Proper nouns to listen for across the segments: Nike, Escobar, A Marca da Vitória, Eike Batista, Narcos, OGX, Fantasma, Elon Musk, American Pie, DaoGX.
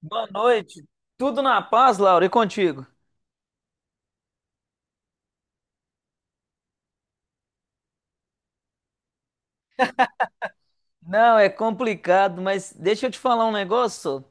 Boa noite. Tudo na paz, Laura, e contigo? Não, é complicado, mas deixa eu te falar um negócio.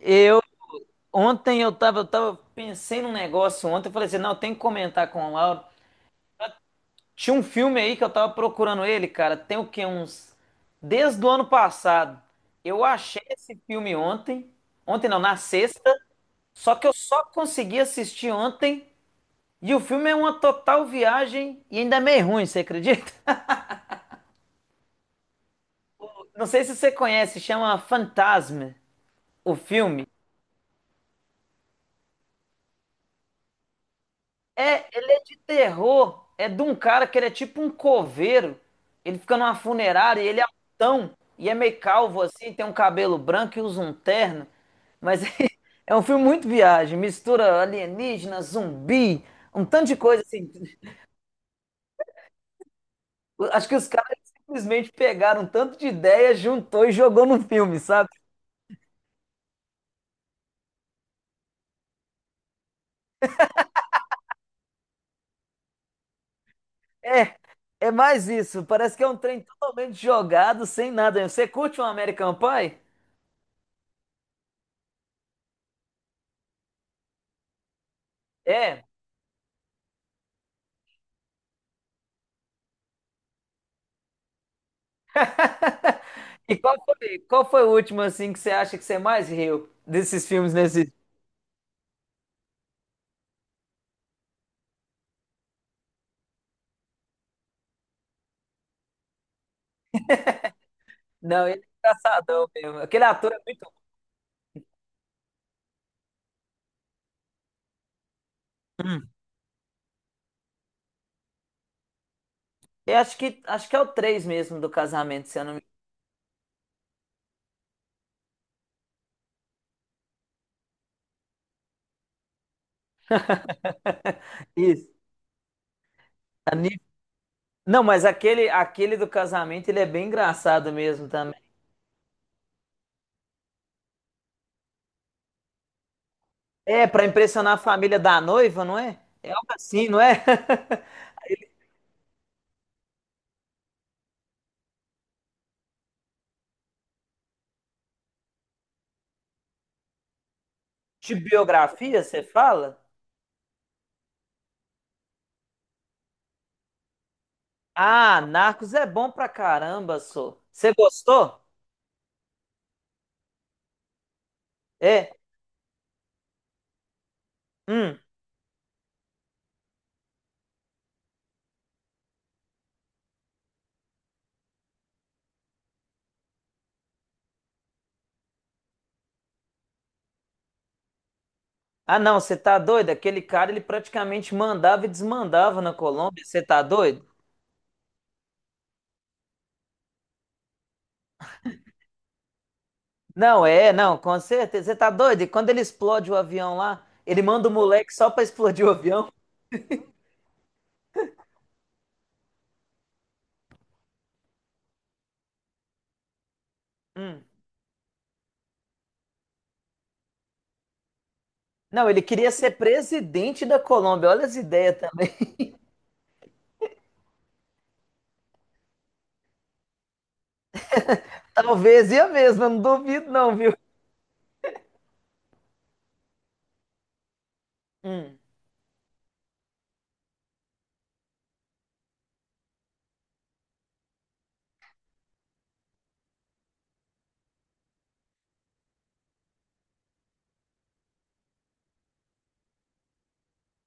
Eu ontem eu tava pensei num negócio ontem, eu falei assim, não, tem que comentar com o Laura. Tinha um filme aí que eu tava procurando ele, cara, tem o quê? Uns desde o ano passado. Eu achei esse filme ontem, ontem não, na sexta, só que eu só consegui assistir ontem, e o filme é uma total viagem e ainda é meio ruim, você acredita? Não sei se você conhece, chama Fantasma, o filme. É de terror, é de um cara que ele é tipo um coveiro. Ele fica numa funerária, e ele é altão e é meio calvo assim, tem um cabelo branco e usa um terno. Mas é um filme muito viagem, mistura alienígena, zumbi, um tanto de coisa assim. Acho que os caras simplesmente pegaram um tanto de ideia, juntou e jogou num filme, sabe? É, é mais isso. Parece que é um trem totalmente jogado, sem nada. Você curte um American Pie? É. E qual foi o último assim que você acha que você é mais riu desses filmes nesse? Não, ele é engraçadão mesmo. Aquele ator é muito bom. Hum. Eu acho que é o 3 mesmo do casamento, se eu não me engano. Isso. A Ni- Não, mas aquele do casamento, ele é bem engraçado mesmo também. É, pra impressionar a família da noiva, não é? É algo assim, não é? De biografia, você fala? Ah, Narcos é bom pra caramba, só. Você gostou? É? Hum. Ah, não, você tá doido? Aquele cara, ele praticamente mandava e desmandava na Colômbia. Você tá doido? Não, é, não, com certeza. Você tá doido? E quando ele explode o avião lá, ele manda o moleque só pra explodir o avião? Hum. Não, ele queria ser presidente da Colômbia. Olha as ideias também. Talvez ia mesmo, eu não duvido não, viu? Hum.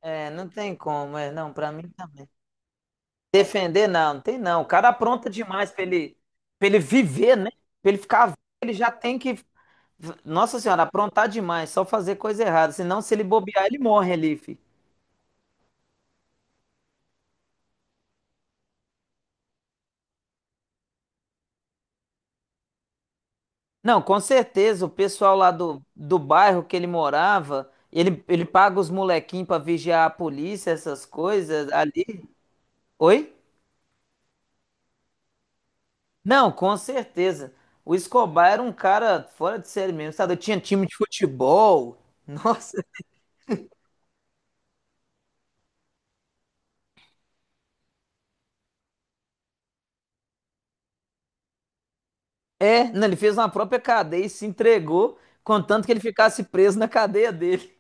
É, não tem como. É, não, pra mim também. Defender, não, não tem não. O cara apronta demais pra ele viver, né? Pra ele ficar vivo, ele já tem que. Nossa Senhora, aprontar demais, só fazer coisa errada. Senão, se ele bobear, ele morre ali, fi. Não, com certeza, o pessoal lá do bairro que ele morava, ele paga os molequinhos pra vigiar a polícia, essas coisas ali. Oi? Não, com certeza. O Escobar era um cara fora de série mesmo, sabe? Tinha time de futebol. Nossa. É, não, ele fez uma própria cadeia e se entregou, contanto que ele ficasse preso na cadeia dele.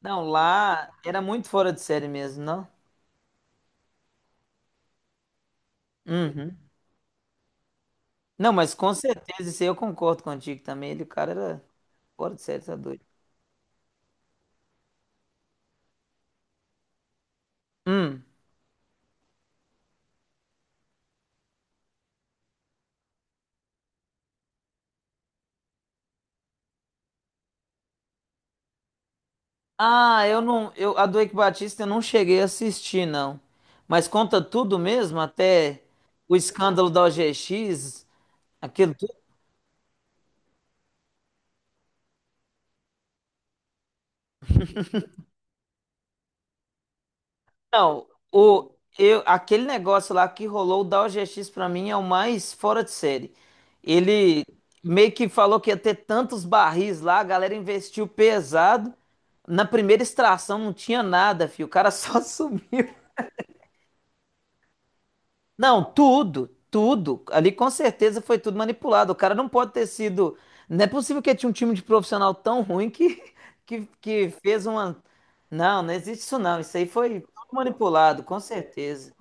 Não, lá era muito fora de série mesmo, não? Uhum. Não, mas com certeza, isso aí eu concordo contigo também. Ele, o cara era fora de série, tá doido. Hum. Ah, eu não. Eu, a do Eike Batista eu não cheguei a assistir, não. Mas conta tudo mesmo, até o escândalo da OGX, aquilo. Não, o, eu, aquele negócio lá que rolou, o Dow DaoGX pra mim é o mais fora de série. Ele meio que falou que ia ter tantos barris lá, a galera investiu pesado. Na primeira extração não tinha nada, filho. O cara só sumiu. Não, tudo, tudo. Ali com certeza foi tudo manipulado. O cara não pode ter sido. Não é possível que tinha um time de profissional tão ruim que, que fez uma. Não, não existe isso não. Isso aí foi tudo manipulado, com certeza.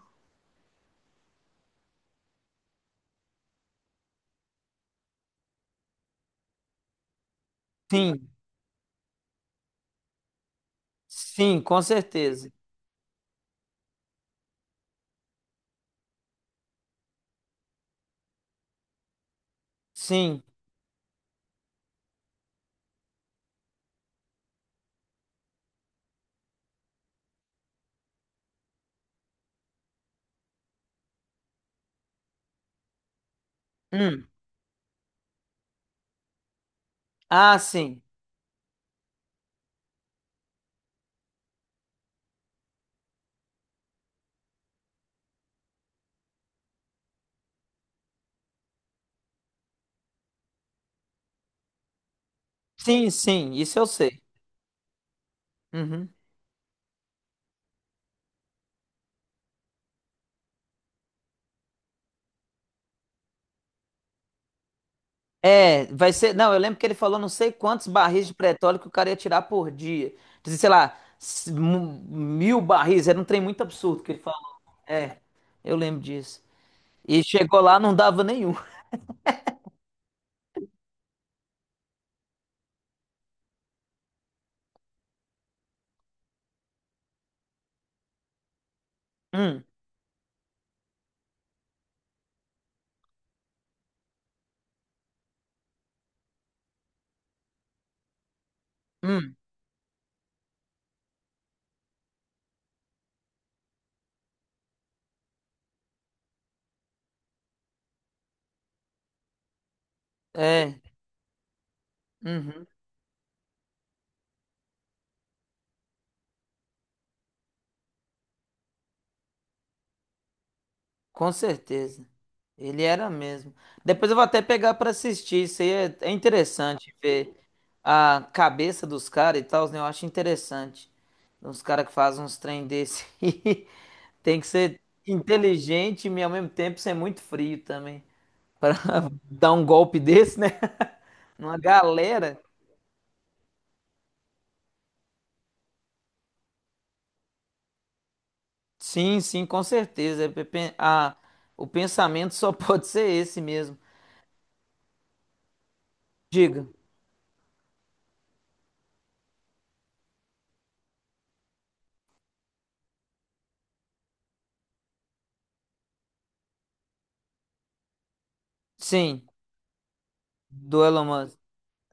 Sim. Sim, com certeza. Sim. Hum. Ah, sim. Sim, sim, isso eu sei. Uhum. É, vai ser. Não, eu lembro que ele falou não sei quantos barris de petróleo que o cara ia tirar por dia. Dizia, sei lá, s- mu- mil barris. Era um trem muito absurdo que ele falou. É, eu lembro disso. E chegou lá, não dava nenhum. Hum, hum, é. Uhum. Com certeza. Ele era mesmo. Depois eu vou até pegar para assistir. Isso aí é, é interessante ver a cabeça dos caras e tal, né? Eu acho interessante. Uns caras que fazem uns trem desse. aí. Tem que ser inteligente e ao mesmo tempo ser muito frio também. Para dar um golpe desse, né? Numa galera. Sim, sim, com certeza. É pe- pe- a- o pensamento só pode ser esse mesmo. Diga. Sim, do Elon Musk.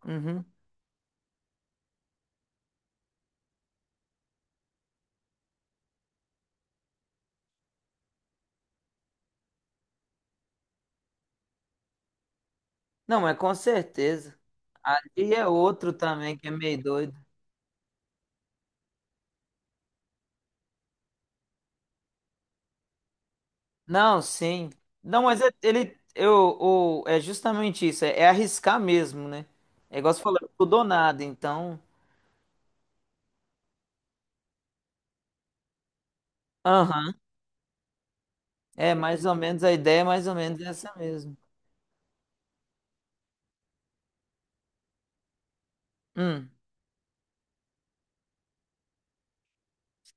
Uhum. Não, mas com certeza. Ali é outro também que é meio doido. Não, sim. Não, mas é- ele, eu, o, é justamente isso, é, é arriscar mesmo, né? É igual você falou, tudo ou nada, então. Aham. É mais ou menos a ideia, é mais ou menos essa mesmo. Hum,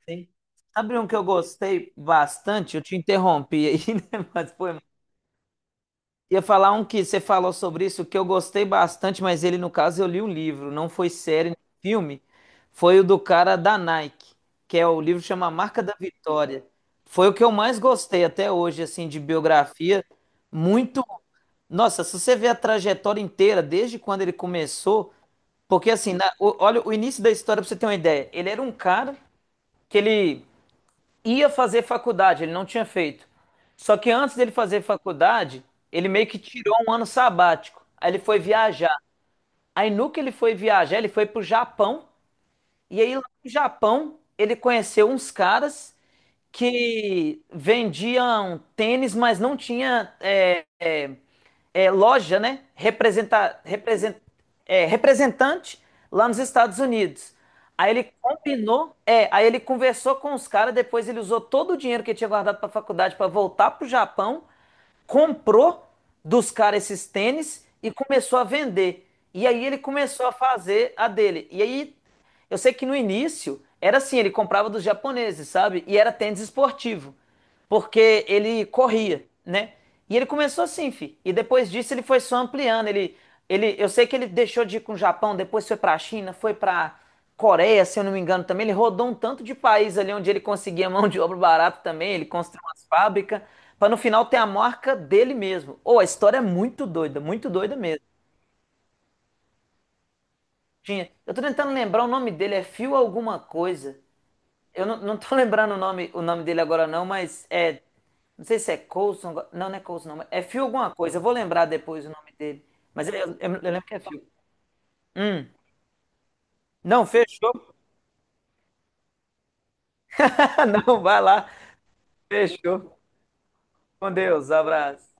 sim. Sabe um que eu gostei bastante? Eu te interrompi aí, né? Mas foi. Ia falar um que você falou sobre isso, que eu gostei bastante, mas ele, no caso, eu li um livro, não foi série nem filme. Foi o do cara da Nike, que é o livro que chama A Marca da Vitória. Foi o que eu mais gostei até hoje, assim, de biografia. Muito. Nossa, se você vê a trajetória inteira, desde quando ele começou, porque assim, na- o- olha o início da história pra você ter uma ideia. Ele era um cara que ele ia fazer faculdade, ele não tinha feito. Só que antes dele fazer faculdade, ele meio que tirou um ano sabático. Aí ele foi viajar. Aí no que ele foi viajar, ele foi pro Japão. E aí lá no Japão, ele conheceu uns caras que vendiam tênis, mas não tinha é, é, é, loja, né? Representa, represent, é, representante lá nos Estados Unidos. Aí ele combinou, é, aí ele conversou com os caras, depois ele usou todo o dinheiro que ele tinha guardado para a faculdade para voltar pro Japão, comprou dos caras esses tênis e começou a vender. E aí ele começou a fazer a dele. E aí eu sei que no início era assim, ele comprava dos japoneses, sabe? E era tênis esportivo, porque ele corria, né? E ele começou assim, fi. E depois disso ele foi só ampliando. Eu sei que ele deixou de ir com o Japão, depois foi pra China, foi pra Coreia, se eu não me engano também. Ele rodou um tanto de país ali onde ele conseguia mão de obra barata também. Ele construiu umas fábricas. Pra no final ter a marca dele mesmo. Ou a história é muito doida mesmo. Tinha. Eu tô tentando lembrar o nome dele, é Fio alguma coisa. Eu não tô lembrando o nome dele agora, não, mas é. Não sei se é Coulson. Não, não é Coulson, não. É Phil alguma coisa. Eu vou lembrar depois o nome dele. Mas eu lembro que é Phil. Hum. Não, fechou. Não, vai lá. Fechou. Com Deus. Abraço.